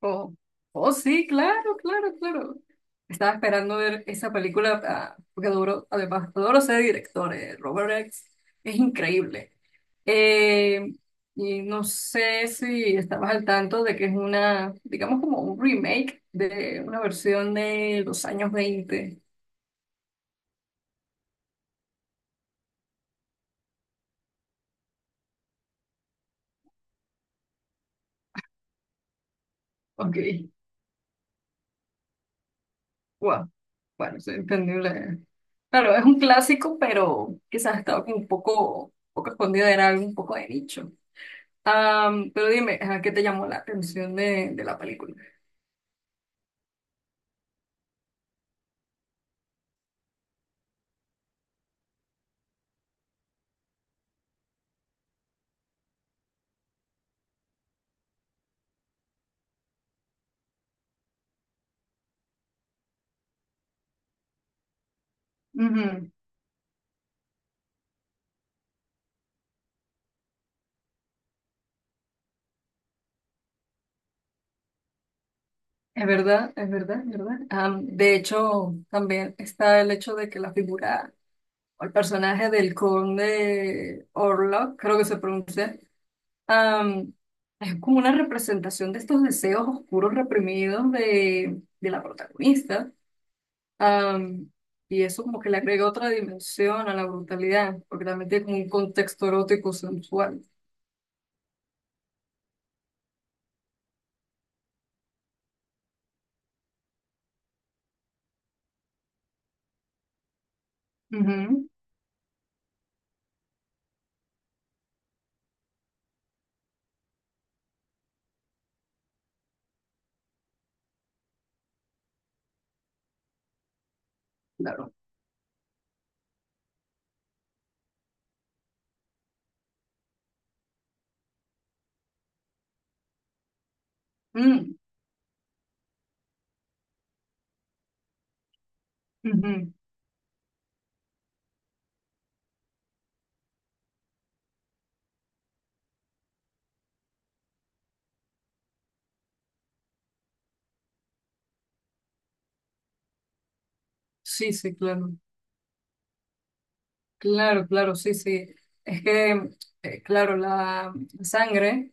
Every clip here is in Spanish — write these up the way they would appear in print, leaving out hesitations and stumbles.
Oh, oh, sí, claro, claro, claro. Estaba esperando ver esa película, porque adoro, además, adoro ese director, Robert X. Es increíble. Eh, y no sé si estabas al tanto de que es una, digamos, como un remake de una versión de los años veinte. Ok, wow. Bueno, es entendible. Claro, es un clásico, pero quizás estaba como un poco escondida, era algo un poco de nicho. Pero dime, ajá, ¿qué te llamó la atención de la película? Ujú. Es verdad, es verdad, es verdad. De hecho, también está el hecho de que la figura o el personaje del conde Orlok, creo que se pronuncia, am, es como una representación de estos deseos oscuros reprimidos de la protagonista. Am, y eso como que le agrega otra dimensión a la brutalidad, porque también tiene como un contexto erótico sensual. Ujú. Claro. Mm. Ujú. Sí, sí, claro. Claro, claro, sí, sí. Es que, claro, la sangre,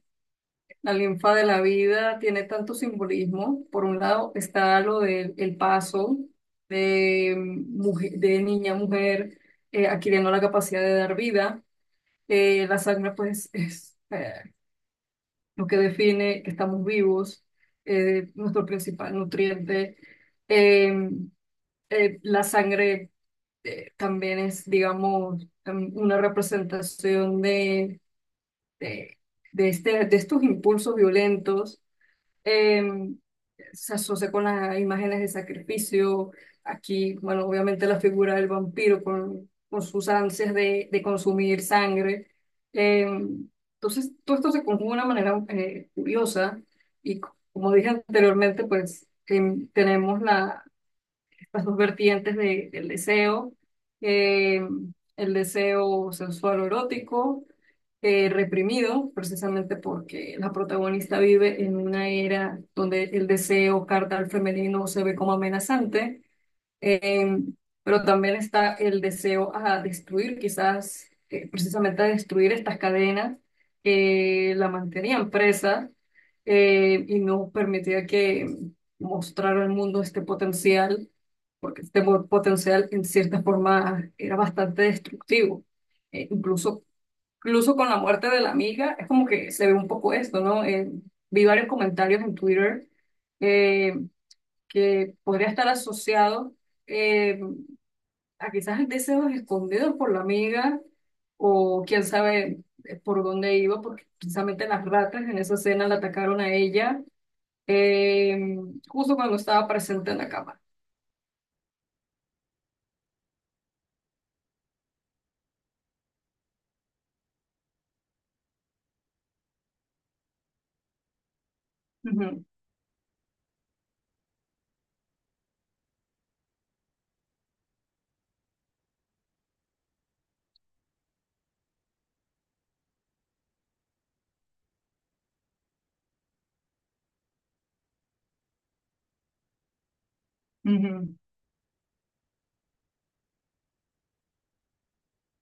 la linfa de la vida tiene tanto simbolismo. Por un lado está lo del el paso de, mujer, de niña a mujer, adquiriendo la capacidad de dar vida. La sangre, pues, es lo que define que estamos vivos, nuestro principal nutriente. Em, la sangre. También es, digamos, una representación de, de estos impulsos violentos. em, se asocia con las imágenes de sacrificio. Aquí, bueno, obviamente la figura del vampiro con sus ansias de consumir sangre. Em, entonces, todo esto se conjuga de una manera curiosa y, como dije anteriormente, pues tenemos la las dos vertientes del deseo, eh, el deseo sensual o erótico, reprimido, precisamente porque la protagonista vive en una era donde el deseo carnal femenino se ve como amenazante, eh, pero también está el deseo a destruir, quizás precisamente a destruir estas cadenas que la mantenían presa, y no permitía que mostrara al mundo este potencial porque este potencial en cierta forma era bastante destructivo. Eh, incluso, incluso con la muerte de la amiga, es como que se ve un poco esto, ¿no? Vi varios comentarios en Twitter, eh, que podría estar asociado eh, a quizás deseos escondidos por la amiga o quién sabe, por dónde iba, porque precisamente las ratas en esa escena la atacaron a ella, eh, justo cuando estaba presente en la cama. Ujú,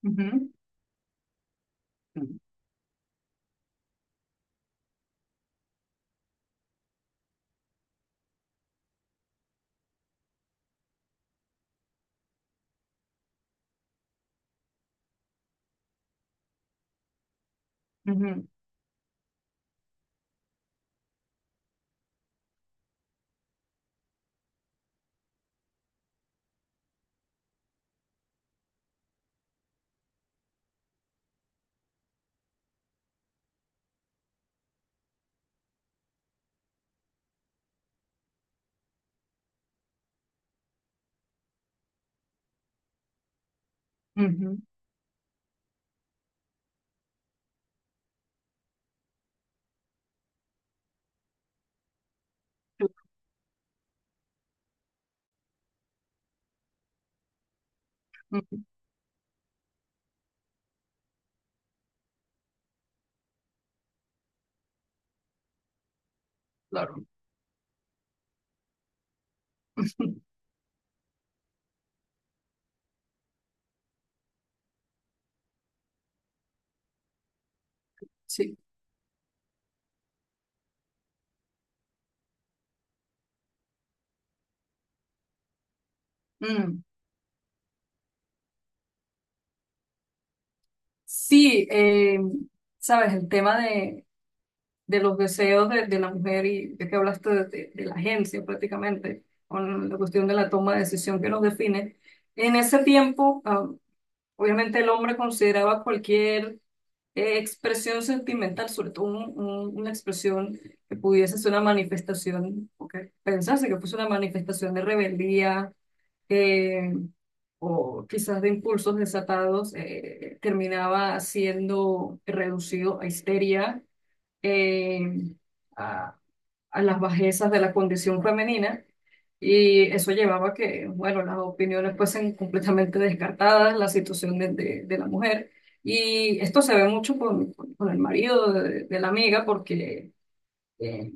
ujú, ujú. Ujú, ujú, tú, ujú, claro. Sí. Mm. Sí, sabes, el tema de los deseos de la mujer y de que hablaste de la agencia prácticamente, con la cuestión de la toma de decisión que nos define. En ese tiempo, obviamente el hombre consideraba cualquier expresión sentimental, sobre todo una expresión que pudiese ser una manifestación, o que pensase que fuese una manifestación de rebeldía, eh, o quizás de impulsos desatados, terminaba siendo reducido a histeria, eh, a, a las bajezas de la condición femenina, y eso llevaba a que, bueno, las opiniones fuesen completamente descartadas, la situación de, de la mujer, y esto se ve mucho con el marido de la amiga, porque... eh,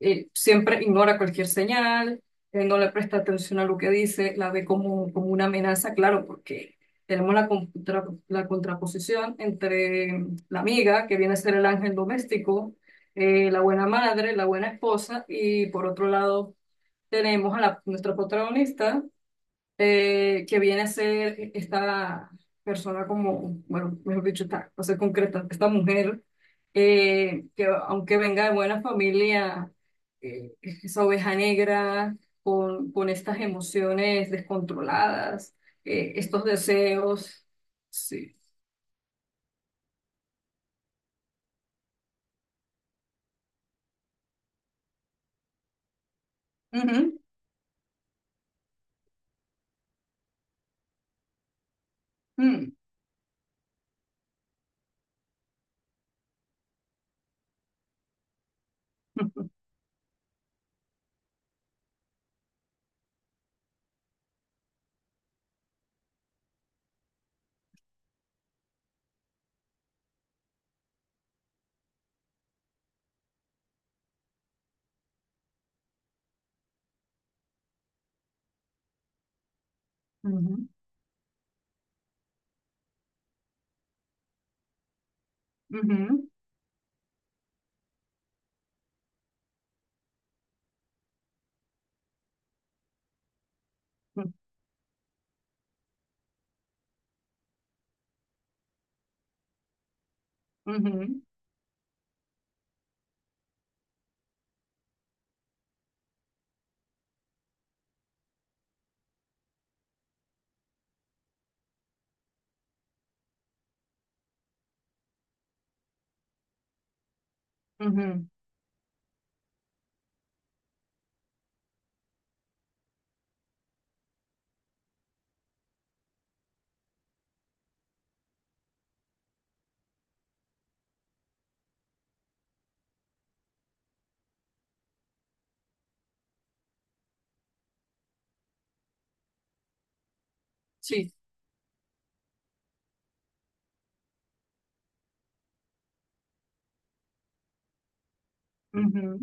siempre ignora cualquier señal, no le presta atención a lo que dice, la ve como una amenaza, claro, porque tenemos la contraposición entre la amiga, que viene a ser el ángel doméstico, la buena madre, la buena esposa, y por otro lado tenemos a nuestra protagonista, que viene a ser esta persona como, bueno, mejor dicho, esta, o sea, concreta, esta mujer, que aunque venga de buena familia, es esa oveja negra, con estas emociones descontroladas, estos deseos, sí. Ujú, mm, ujú, ujú, ujú, ujú, ujú, ujú, sí, ujú,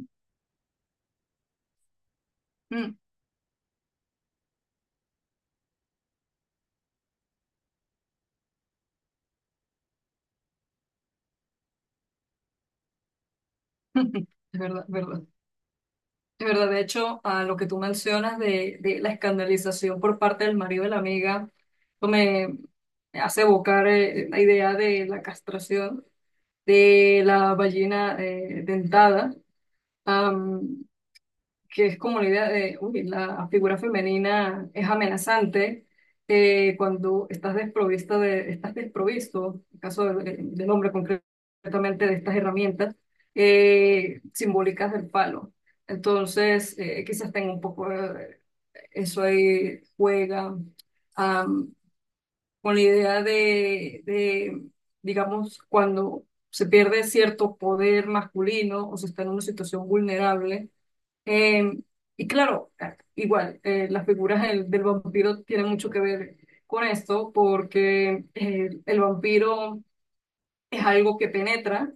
mm, es verdad, verdad. Es verdad, de hecho, a lo que tú mencionas de la escandalización por parte del marido de la amiga, eso me hace evocar, la idea de la castración de la ballena, dentada, que es como la idea de, uy, la figura femenina es amenazante, cuando estás desprovisto, en el caso del hombre concretamente, de estas herramientas, simbólicas del palo. Entonces, quizás tenga un poco, eso ahí, juega, am, con la idea de, digamos, cuando se pierde cierto poder masculino o se está en una situación vulnerable, eh, y claro, igual, las figuras del vampiro tienen mucho que ver con esto, porque el vampiro es algo que penetra,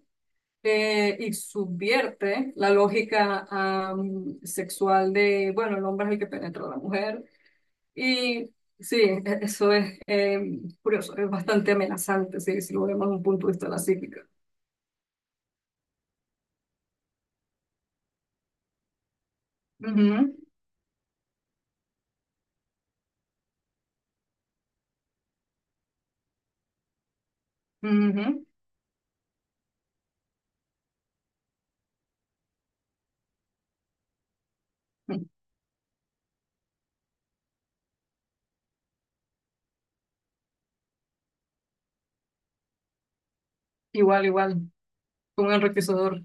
y subvierte la lógica, sexual de, bueno, el hombre es el que penetra a la mujer. Y sí, eso es, curioso, es bastante amenazante, sí, si lo vemos desde un punto de vista de la psíquica. Ujú, ujú. Igual, igual, un enriquecedor.